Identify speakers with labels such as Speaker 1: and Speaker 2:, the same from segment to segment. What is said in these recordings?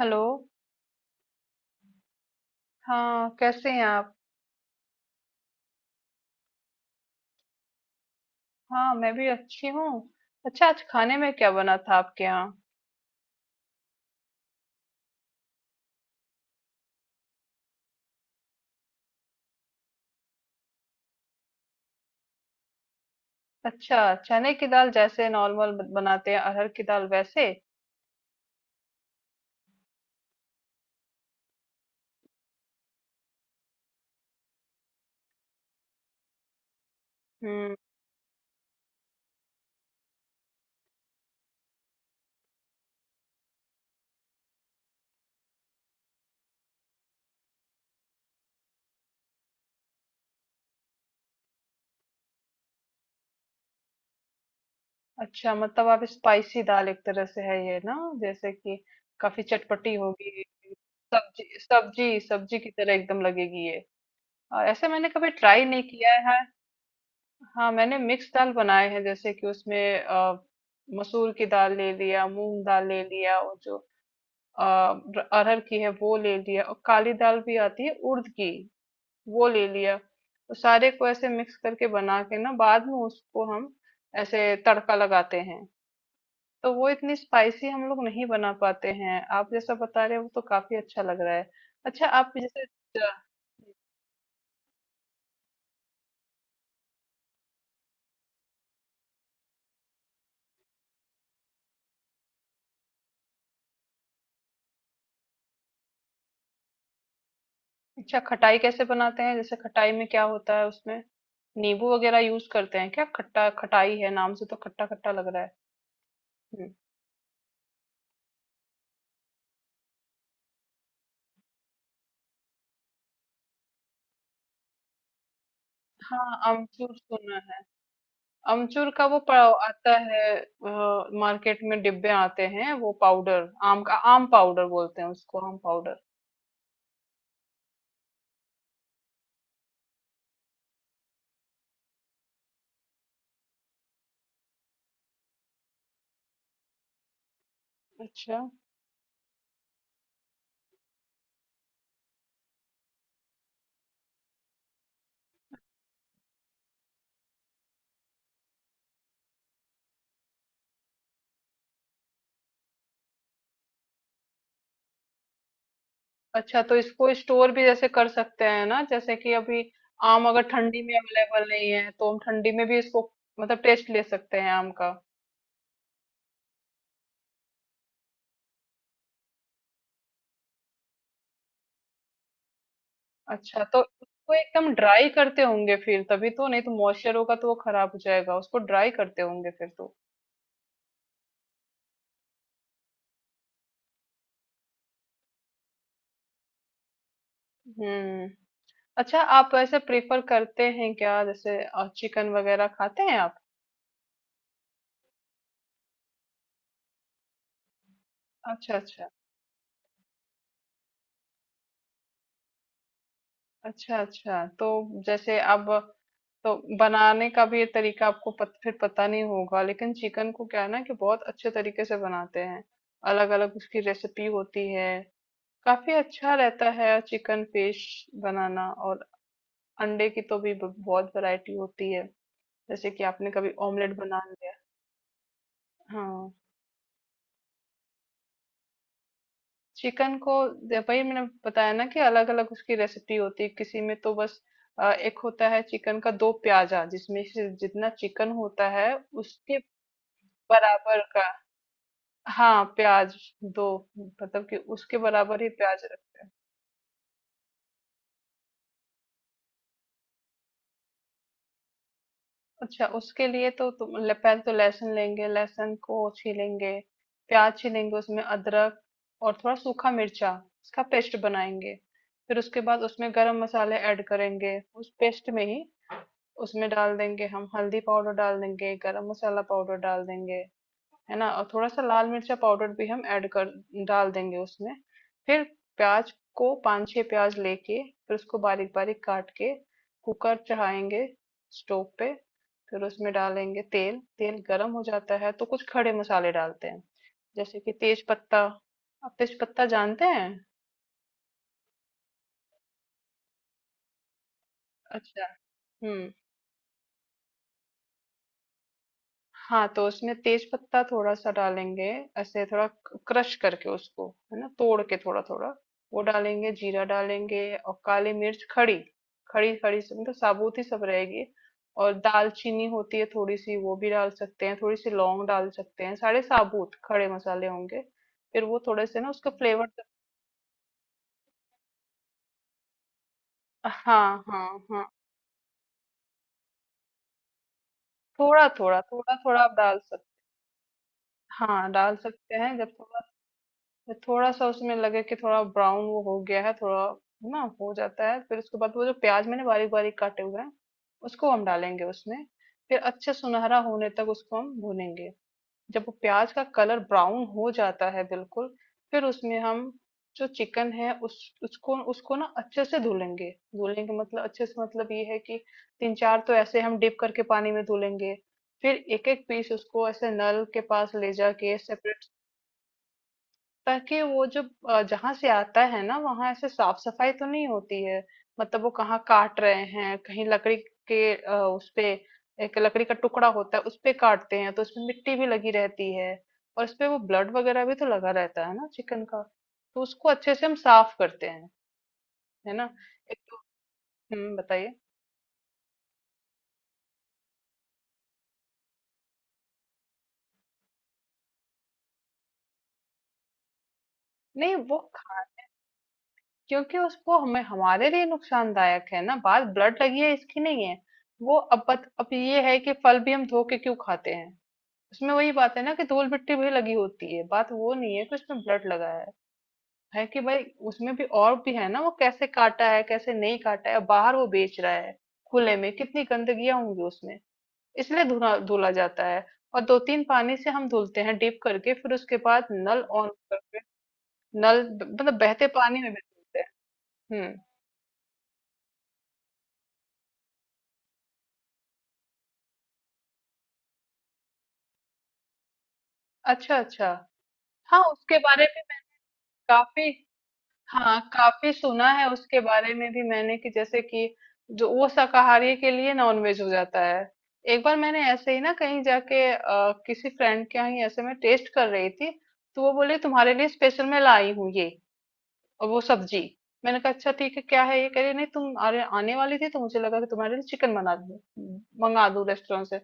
Speaker 1: Hello. हाँ, कैसे हैं आप? हाँ, मैं भी अच्छी हूँ। अच्छा, आज खाने में क्या बना था आपके यहाँ? अच्छा, चने की दाल जैसे नॉर्मल बनाते हैं अरहर की दाल वैसे? हम्म। अच्छा, मतलब आप स्पाइसी दाल एक तरह से है ये ना, जैसे कि काफी चटपटी होगी। सब्जी सब्जी सब्जी की तरह एकदम लगेगी ये। और ऐसे मैंने कभी ट्राई नहीं किया है। हाँ, मैंने मिक्स दाल बनाए हैं, जैसे कि उसमें मसूर की दाल ले लिया, मूंग दाल ले लिया, और जो अ, अरहर की है वो ले लिया, और काली दाल भी आती है उड़द की, वो ले लिया। तो सारे को ऐसे मिक्स करके बना के ना बाद में उसको हम ऐसे तड़का लगाते हैं। तो वो इतनी स्पाइसी हम लोग नहीं बना पाते हैं। आप जैसा बता रहे हो वो तो काफी अच्छा लग रहा है। अच्छा आप जैसे, अच्छा खटाई कैसे बनाते हैं? जैसे खटाई में क्या होता है उसमें? नींबू वगैरह यूज करते हैं क्या? खट्टा खटाई है, नाम से तो खट्टा खट्टा लग रहा है। हम्म। हाँ, अमचूर सुना है। अमचूर का वो पाव आता है, मार्केट में डिब्बे आते हैं, वो पाउडर आम का, आम पाउडर बोलते हैं उसको, आम पाउडर। अच्छा, अच्छा। तो इसको स्टोर भी जैसे कर सकते हैं ना, जैसे कि अभी आम अगर ठंडी में अवेलेबल नहीं है तो हम ठंडी में भी इसको मतलब टेस्ट ले सकते हैं आम का। अच्छा, तो उसको एकदम ड्राई करते होंगे फिर, तभी, तो नहीं तो मॉइस्चर होगा तो वो खराब हो जाएगा, उसको ड्राई करते होंगे फिर तो। हम्म। अच्छा, आप ऐसे प्रेफर करते हैं क्या, जैसे चिकन वगैरह खाते हैं आप? अच्छा, अच्छा। अच्छा, अच्छा। तो जैसे अब तो बनाने का भी ये तरीका आपको पत फिर पता नहीं होगा, लेकिन चिकन को क्या है ना कि बहुत अच्छे तरीके से बनाते हैं। अलग-अलग उसकी रेसिपी होती है। काफ़ी अच्छा रहता है चिकन फिश बनाना। और अंडे की तो भी ब बहुत वैरायटी होती है। जैसे कि आपने कभी ऑमलेट बना लिया। हाँ। चिकन को वही मैंने बताया ना कि अलग अलग उसकी रेसिपी होती है, किसी में तो बस एक होता है चिकन का दो प्याजा, जिसमें से जितना चिकन होता है उसके बराबर का। हाँ, प्याज दो, मतलब कि उसके बराबर ही अच्छा, उसके लिए तो पहले तो लहसुन लेंगे, लहसुन को छीलेंगे, प्याज छीलेंगे, उसमें अदरक और थोड़ा सूखा मिर्चा, इसका पेस्ट बनाएंगे। फिर उसके बाद उसमें गरम मसाले ऐड करेंगे उस पेस्ट में ही, उसमें डाल देंगे। हम हल्दी पाउडर डाल देंगे, गरम मसाला पाउडर डाल देंगे, है ना? और थोड़ा-सा लाल मिर्चा पाउडर भी हम ऐड कर डाल देंगे उसमें। फिर प्याज़ को 5-6 प्याज़ लेके फिर उसको बारीक-बारीक काट के कुकर चढ़ाएँगे स्टोव पे। फिर उसमें डालेंगे तेल, तेल गरम हो जाता है तो कुछ खड़े मसाले डालते हैं, जैसे कि तेज पत्ता। आप तेज पत्ता जानते हैं? अच्छा, हुँ। हाँ, तो उसमें तेज पत्ता थोड़ा सा डालेंगे, ऐसे थोड़ा क्रश करके उसको, है ना, तोड़ के थोड़ा थोड़ा, वो डालेंगे। जीरा डालेंगे, और काली मिर्च खड़ी, खड़ी, सब मतलब साबुत ही सब रहेगी। और दालचीनी होती है थोड़ी सी वो भी डाल सकते हैं, थोड़ी सी लौंग डाल सकते हैं, सारे साबुत खड़े मसाले होंगे। फिर वो थोड़े से ना उसका फ्लेवर। हाँ, हाँ, हाँ। थोड़ा थोड़ा थोड़ा थोड़ा आप डाल सकते। हाँ, डाल सकते हैं जब थोड़ा। फिर थोड़ा सा उसमें लगे कि थोड़ा ब्राउन वो हो गया है थोड़ा, है ना, हो जाता है। फिर उसके बाद वो जो प्याज मैंने बारीक बारीक काटे हुए हैं उसको हम डालेंगे उसमें। फिर अच्छे सुनहरा होने तक उसको हम भूनेंगे। जब वो प्याज का कलर ब्राउन हो जाता है बिल्कुल, फिर उसमें हम जो चिकन है उस उसको उसको ना अच्छे से धुलेंगे। मतलब अच्छे से, मतलब ये है कि तीन चार तो ऐसे हम डिप करके पानी में धुलेंगे। फिर एक एक पीस उसको ऐसे नल के पास ले जाके सेपरेट, ताकि वो जब जहाँ से आता है ना वहां ऐसे साफ सफाई तो नहीं होती है। मतलब वो कहाँ काट रहे हैं, कहीं लकड़ी के उस पे, एक लकड़ी का टुकड़ा होता है उस पे काटते हैं, तो उसमें मिट्टी भी लगी रहती है, और उसपे वो ब्लड वगैरह भी तो लगा रहता है ना चिकन का। तो उसको अच्छे से हम साफ करते हैं, है ना। एक तो, हम्म, बताइए। नहीं वो खा- क्योंकि उसको, हमें हमारे लिए नुकसानदायक है ना, बात ब्लड लगी है इसकी नहीं है वो। अब अब ये है कि फल भी हम धो के क्यों खाते हैं? उसमें वही बात है ना कि धूल मिट्टी भी लगी होती है, बात वो नहीं है कि उसमें ब्लड लगा है कि भाई उसमें भी और भी है ना, वो कैसे काटा है, कैसे नहीं काटा है, बाहर वो बेच रहा है खुले में, कितनी गंदगियां होंगी उसमें, इसलिए धुला धुला जाता है। और दो तीन पानी से हम धुलते हैं डीप करके, फिर उसके बाद नल ऑन करके नल मतलब बहते पानी में भी धुलते हैं। हम्म। अच्छा, अच्छा। हाँ, उसके बारे में मैं काफी, हाँ, काफी सुना है उसके बारे में भी मैंने कि जैसे कि जो वो शाकाहारी के लिए नॉनवेज हो जाता है। एक बार मैंने ऐसे ही ना कहीं जाके किसी फ्रेंड के यहाँ ही ऐसे में टेस्ट कर रही थी, तो वो बोले तुम्हारे लिए स्पेशल मैं लाई हूँ ये, और वो सब्जी। मैंने कहा अच्छा ठीक है क्या है ये, कह रही नहीं तुम, अरे आने वाली थी तो मुझे लगा कि तुम्हारे लिए चिकन बना दूं, मंगा दूं रेस्टोरेंट से।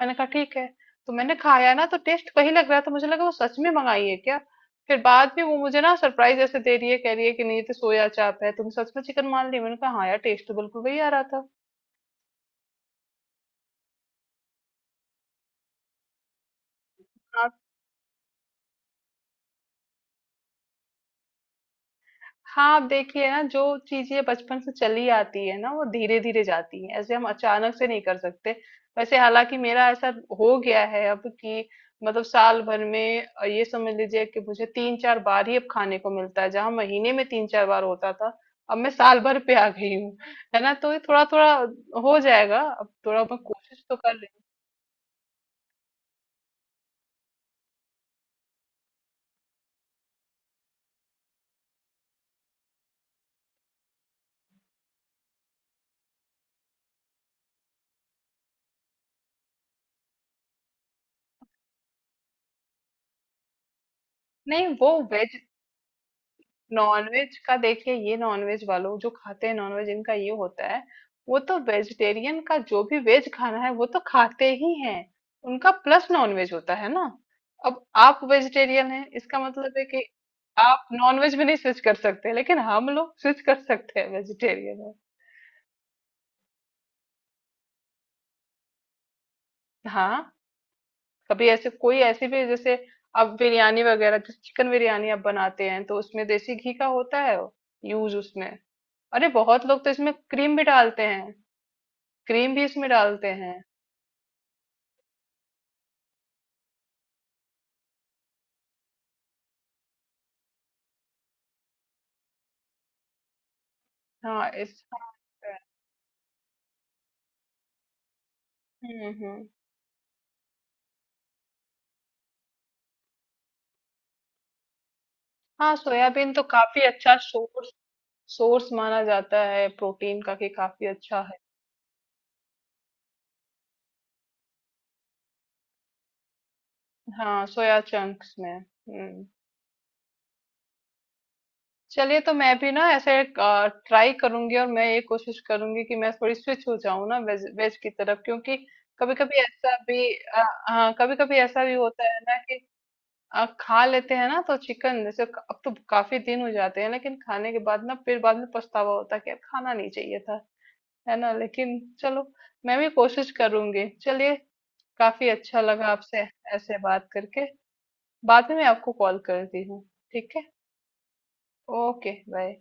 Speaker 1: मैंने कहा ठीक है। तो मैंने खाया ना, तो टेस्ट वही लग रहा था, मुझे लगा वो सच में मंगाई है क्या। फिर बाद में वो मुझे ना सरप्राइज ऐसे दे रही है, कह रही है कि नहीं ये तो सोया चाप है, तुम सच में चिकन मान ली। मैंने कहा हाँ यार, टेस्ट तो बिल्कुल वही आ रहा था। हाँ, आप देखिए ना, जो चीज़ें बचपन से चली आती है ना वो धीरे-धीरे जाती हैं, ऐसे हम अचानक से नहीं कर सकते। वैसे हालाँकि मेरा ऐसा हो गया है अब कि मतलब साल भर में ये समझ लीजिए कि मुझे 3-4 बार ही अब खाने को मिलता है, जहाँ महीने में 3-4 बार होता था, अब मैं साल भर पे आ गई हूँ, है ना? तो ये थोड़ा-थोड़ा हो जाएगा, अब थोड़ा मैं कोशिश तो कर रही हूँ। नहीं, वो वे नॉनवेज का देखिए, ये नॉनवेज वालों जो खाते हैं नॉनवेज इनका ये होता है, वो तो वेजिटेरियन का जो भी वेज खाना है वो तो खाते ही हैं, उनका प्लस नॉनवेज होता है ना। अब आप वेजिटेरियन हैं, इसका मतलब है कि आप नॉनवेज भी नहीं स्विच कर सकते, लेकिन हम लोग स्विच कर सकते हैं वेजिटेरियन में। हाँ, कभी ऐसे कोई ऐसी भी जैसे आप बिरयानी वगैरह, जैसे चिकन बिरयानी आप बनाते हैं तो उसमें देसी घी का होता है यूज उसमें। अरे बहुत लोग तो इसमें क्रीम भी डालते हैं, क्रीम भी इसमें डालते हैं। हाँ, इस, हम्म, हम्म, हाँ, सोयाबीन तो काफी अच्छा सोर्स, सोर्स माना जाता है प्रोटीन का कि काफी अच्छा है। हाँ, सोया चंक्स में। हम्म। चलिए, तो मैं भी ना ऐसे ट्राई करूंगी, और मैं ये कोशिश करूंगी कि मैं थोड़ी स्विच हो जाऊं ना वेज वेज की तरफ, क्योंकि कभी कभी ऐसा भी, हाँ, कभी कभी ऐसा भी होता है ना कि खा लेते हैं ना तो चिकन, जैसे अब तो काफी दिन हो जाते हैं, लेकिन खाने के बाद ना फिर बाद में पछतावा होता है कि यार खाना नहीं चाहिए था, है ना। लेकिन चलो, मैं भी कोशिश करूंगी। चलिए, काफी अच्छा लगा आपसे ऐसे बात करके। बाद में मैं आपको कॉल करती हूँ। ठीक है। Okay, bye.